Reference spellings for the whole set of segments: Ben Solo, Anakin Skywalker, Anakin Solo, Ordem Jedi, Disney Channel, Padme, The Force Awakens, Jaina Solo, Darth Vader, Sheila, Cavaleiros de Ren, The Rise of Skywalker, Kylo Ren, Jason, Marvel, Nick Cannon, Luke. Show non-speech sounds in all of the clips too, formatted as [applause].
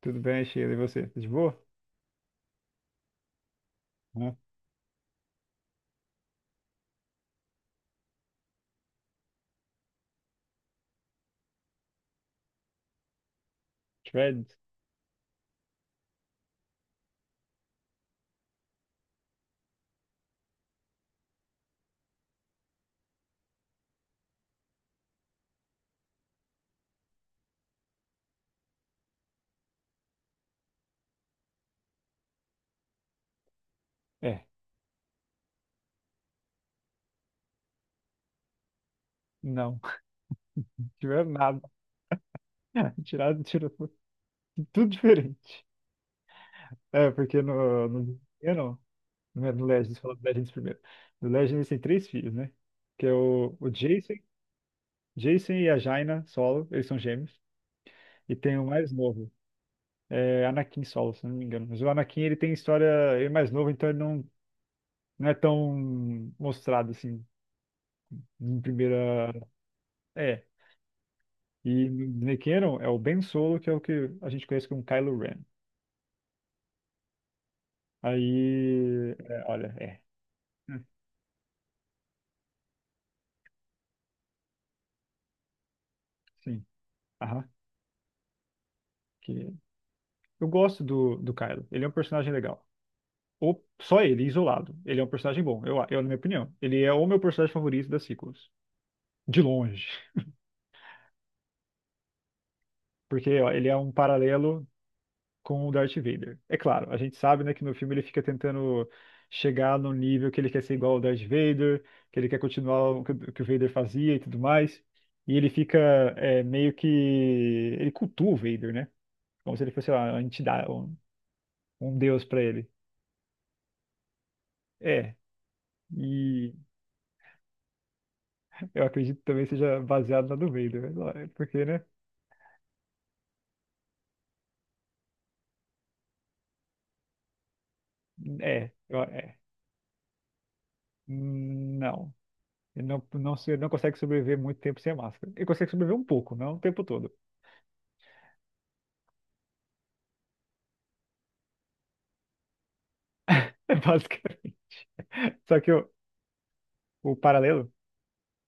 Tudo bem, Sheila, e você? Tá de boa? Hã? Tiver... É, não. [laughs] Tiver nada. [laughs] Tirou tudo diferente. É, porque no, eu não. Não é do Legends, fala do Legends primeiro. Do Legends tem três filhos, né? Que é o Jason e a Jaina Solo, eles são gêmeos. E tem o mais novo, é Anakin Solo, se eu não me engano. Mas o Anakin, ele tem história. Ele é mais novo, então ele não é tão mostrado, assim, em primeira. É. E Nick Cannon é o Ben Solo, que é o que a gente conhece como Kylo Ren. Aí, é, olha, é. Hum, Sim. Aham. que... Eu gosto do Kylo. Ele é um personagem legal. Ou só ele, isolado. Ele é um personagem bom, eu, na minha opinião. Ele é o meu personagem favorito das sequels. De longe. Porque ó, ele é um paralelo com o Darth Vader. É claro, a gente sabe, né, que no filme ele fica tentando chegar no nível que ele quer ser igual ao Darth Vader, que ele quer continuar o que o Vader fazia e tudo mais. E ele fica, meio que ele cultua o Vader, né? Como se ele fosse, sei lá, uma entidade, um deus pra ele. É. E eu acredito que também seja baseado na do Vader, né? Porque, né? É, é. Não. Ele não consegue sobreviver muito tempo sem a máscara. Ele consegue sobreviver um pouco, não o tempo todo. [laughs] É basicamente. Só que o paralelo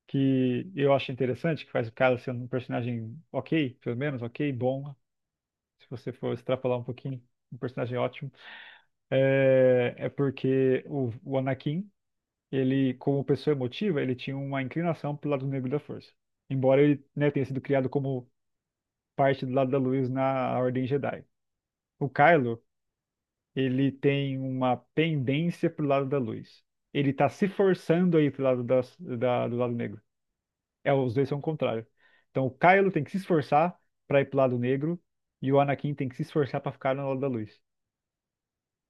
que eu acho interessante, que faz o cara ser um personagem ok, pelo menos ok, bom, se você for extrapolar um pouquinho, um personagem ótimo, é porque o Anakin, ele, como pessoa emotiva, ele tinha uma inclinação pro lado negro da força. Embora ele, né, tenha sido criado como parte do lado da luz na Ordem Jedi. O Kylo, ele tem uma pendência pro lado da luz. Ele tá se forçando aí pro lado do lado negro. É, os dois são o contrário. Então o Kylo tem que se esforçar pra ir pro lado negro e o Anakin tem que se esforçar pra ficar no lado da luz.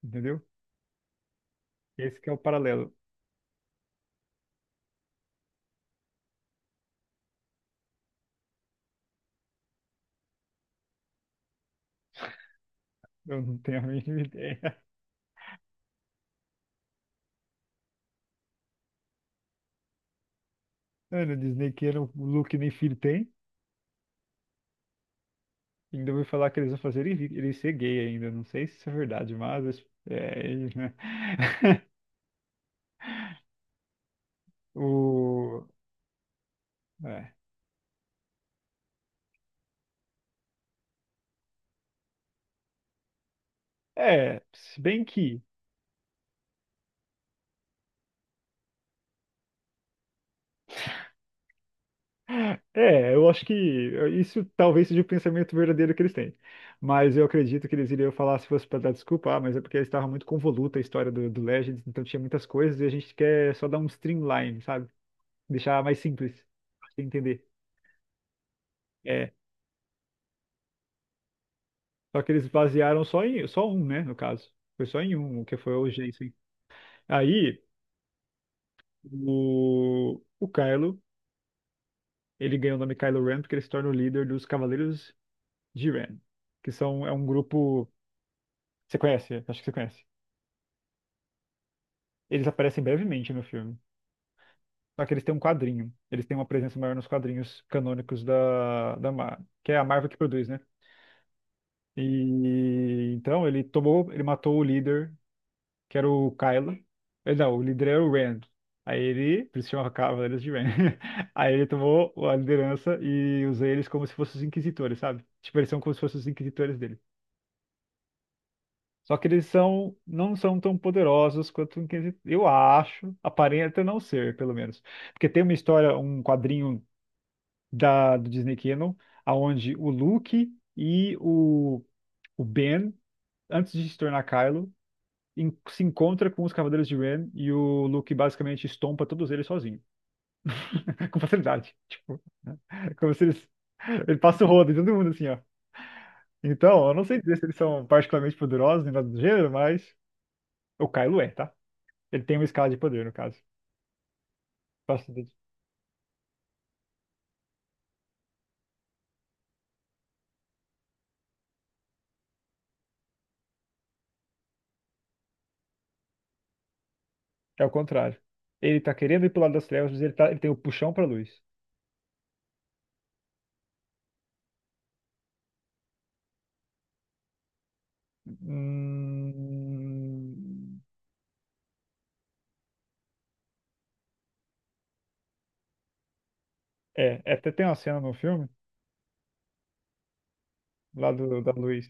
Entendeu? Esse que é o paralelo. Eu não tenho a mínima [laughs] ideia. Mano, Disney que era o Luke nem filho tem. Ainda vou falar que eles vão fazer ele ser gay ainda. Não sei se isso é verdade, mas é, [laughs] o é. É, se bem que. É, eu acho que isso talvez seja o pensamento verdadeiro que eles têm. Mas eu acredito que eles iriam falar se fosse para dar desculpa, ah, mas é porque estava muito convoluta a história do Legends, então tinha muitas coisas e a gente quer só dar um streamline, sabe? Deixar mais simples, pra você entender. É, só que eles basearam só em só um, né, no caso. Foi só em um, o que foi o Jensen. Aí, o Kylo, ele ganhou o nome Kylo Ren porque ele se torna o líder dos Cavaleiros de Ren, que são, é um grupo. Você conhece? Acho que você conhece. Eles aparecem brevemente no filme. Só que eles têm um quadrinho. Eles têm uma presença maior nos quadrinhos canônicos da Marvel, que é a Marvel que produz, né? E então ele tomou, ele matou o líder, que era o Kylo. Não, o líder era o Rand. Aí ele, por isso chamava Cavaleiros de Ren. [laughs] Aí ele tomou a liderança e usou eles como se fossem os inquisitores, sabe? Tipo, eles são como se fossem os inquisitores dele. Só que eles não são tão poderosos quanto o Inquisitor. Eu acho, aparenta não ser, pelo menos. Porque tem uma história, um quadrinho da, do Disney Canon, aonde o Luke e o Ben, antes de se tornar Kylo, se encontra com os Cavaleiros de Ren e o Luke basicamente estompa todos eles sozinho, [laughs] com facilidade. Tipo, é como se eles, ele passa o rodo em todo mundo assim, ó. Então, eu não sei dizer se eles são particularmente poderosos nem nada do gênero, mas o Kylo é, tá? Ele tem uma escala de poder, no caso. Passa o É o contrário. Ele tá querendo ir pro lado das trevas, mas ele, tá, ele tem o puxão pra luz. Hum, é, até tem uma cena no filme, lá do, da luz,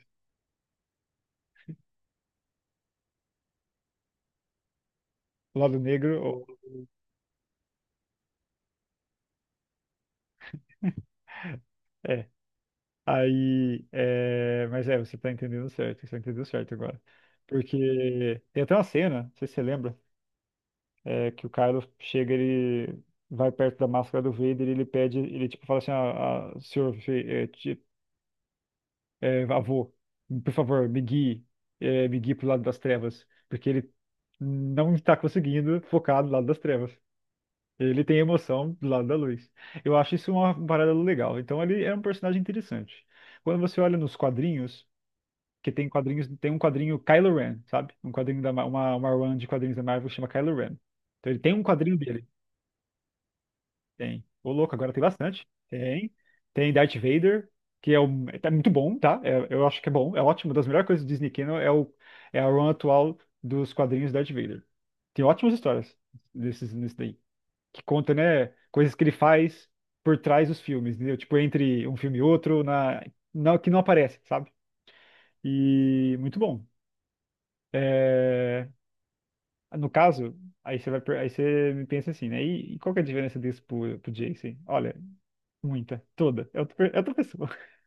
lado negro. [laughs] É. Aí, é, mas é, você tá entendendo certo, você entendeu certo agora. Porque tem até uma cena, não sei se você lembra, é, que o Kylo chega, ele vai perto da máscara do Vader e ele pede, ele tipo fala assim, ah, senhor, avô, por favor, me guie pro lado das trevas, porque ele não está conseguindo focar do lado das trevas. Ele tem emoção do lado da luz. Eu acho isso uma parada legal. Então ele é um personagem interessante. Quando você olha nos quadrinhos, que tem quadrinhos, tem um quadrinho Kylo Ren, sabe? Um quadrinho da uma run de quadrinhos da Marvel que chama Kylo Ren. Então ele tem um quadrinho dele. Tem. Ô, louco, agora tem bastante. Tem. Tem Darth Vader, que é muito bom, tá? Eu acho que é bom, é ótimo. Uma das melhores coisas do Disney Channel é a run atual dos quadrinhos Darth Vader. Tem ótimas histórias desses, nisso daí, que conta, né, coisas que ele faz por trás dos filmes, entendeu? Tipo, entre um filme e outro, na, que não aparece, sabe? E muito bom. É, no caso, aí você me pensa assim, né? E qual que é a diferença disso pro Jason? Olha, muita, toda. É outra pessoa. [laughs]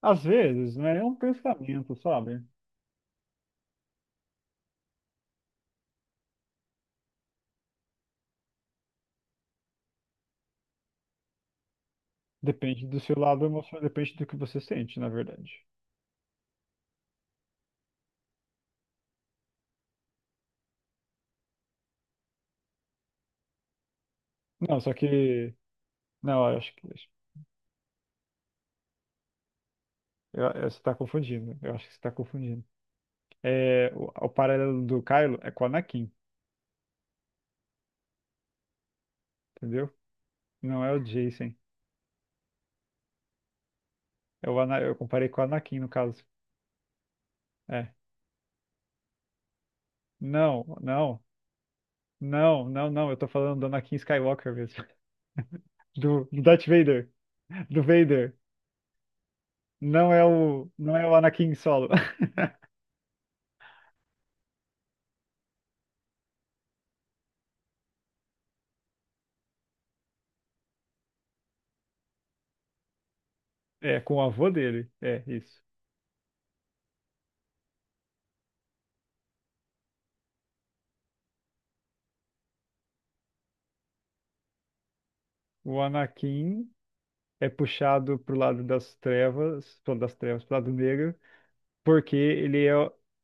Às vezes, não é um pensamento, sabe? Depende do seu lado emocional, depende do que você sente, na verdade. Não, só que. Não, eu acho que. Você tá confundindo. Eu acho que você tá confundindo. É, o paralelo do Kylo é com o Anakin, entendeu? Não é o Jason. É, eu comparei com o Anakin, no caso. É. Não, não. Não, não, não, eu tô falando do Anakin Skywalker mesmo. Do Darth Vader. Do Vader. Não é o Anakin solo. [laughs] É, com o avô dele. É, isso. O Anakin é puxado pro lado das trevas, pro lado negro, porque ele é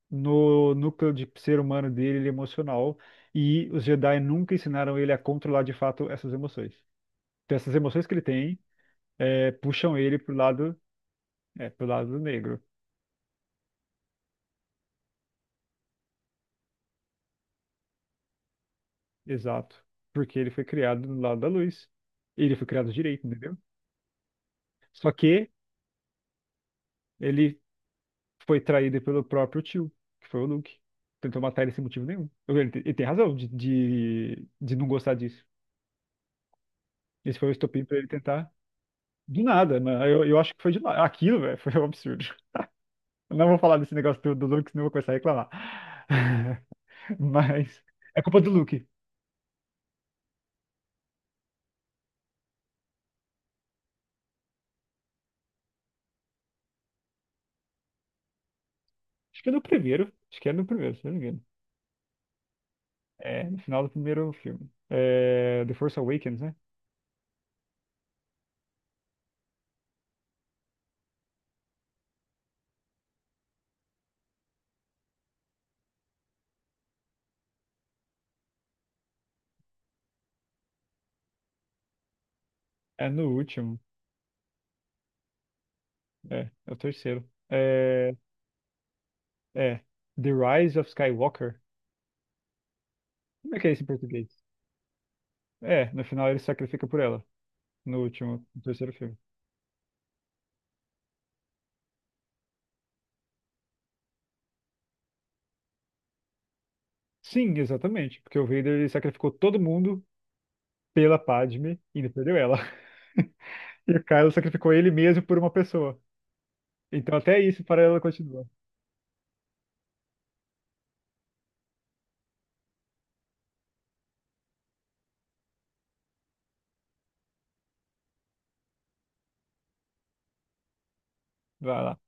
no núcleo de ser humano dele, ele é emocional, e os Jedi nunca ensinaram ele a controlar de fato essas emoções. Então, essas emoções que ele tem, puxam ele pro lado negro. Exato. Porque ele foi criado do lado da luz. Ele foi criado direito, entendeu? Só que ele foi traído pelo próprio tio, que foi o Luke. Tentou matar ele sem motivo nenhum. Ele tem razão de não gostar disso. Esse foi o estopim pra ele tentar. Do nada, mano. Eu acho que foi de nada. Aquilo, velho, foi um absurdo. Eu não vou falar desse negócio do Luke, senão eu vou começar a reclamar. [laughs] Mas é culpa do Luke. Acho que é no primeiro. Acho que é no primeiro, se não me engano. É, no final do primeiro filme. É, The Force Awakens, né? É no último. É o terceiro. É The Rise of Skywalker. Como é que é esse em português? É, no final ele se sacrifica por ela. No último, no terceiro filme. Sim, exatamente. Porque o Vader ele sacrificou todo mundo pela Padme e ainda perdeu ela. [laughs] E o Kylo sacrificou ele mesmo por uma pessoa. Então até isso para ela continua. Vai lá.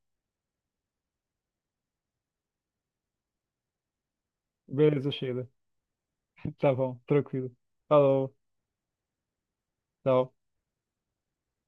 Beleza, Sheila. [laughs] Tá bom, tranquilo. Falou, tchau.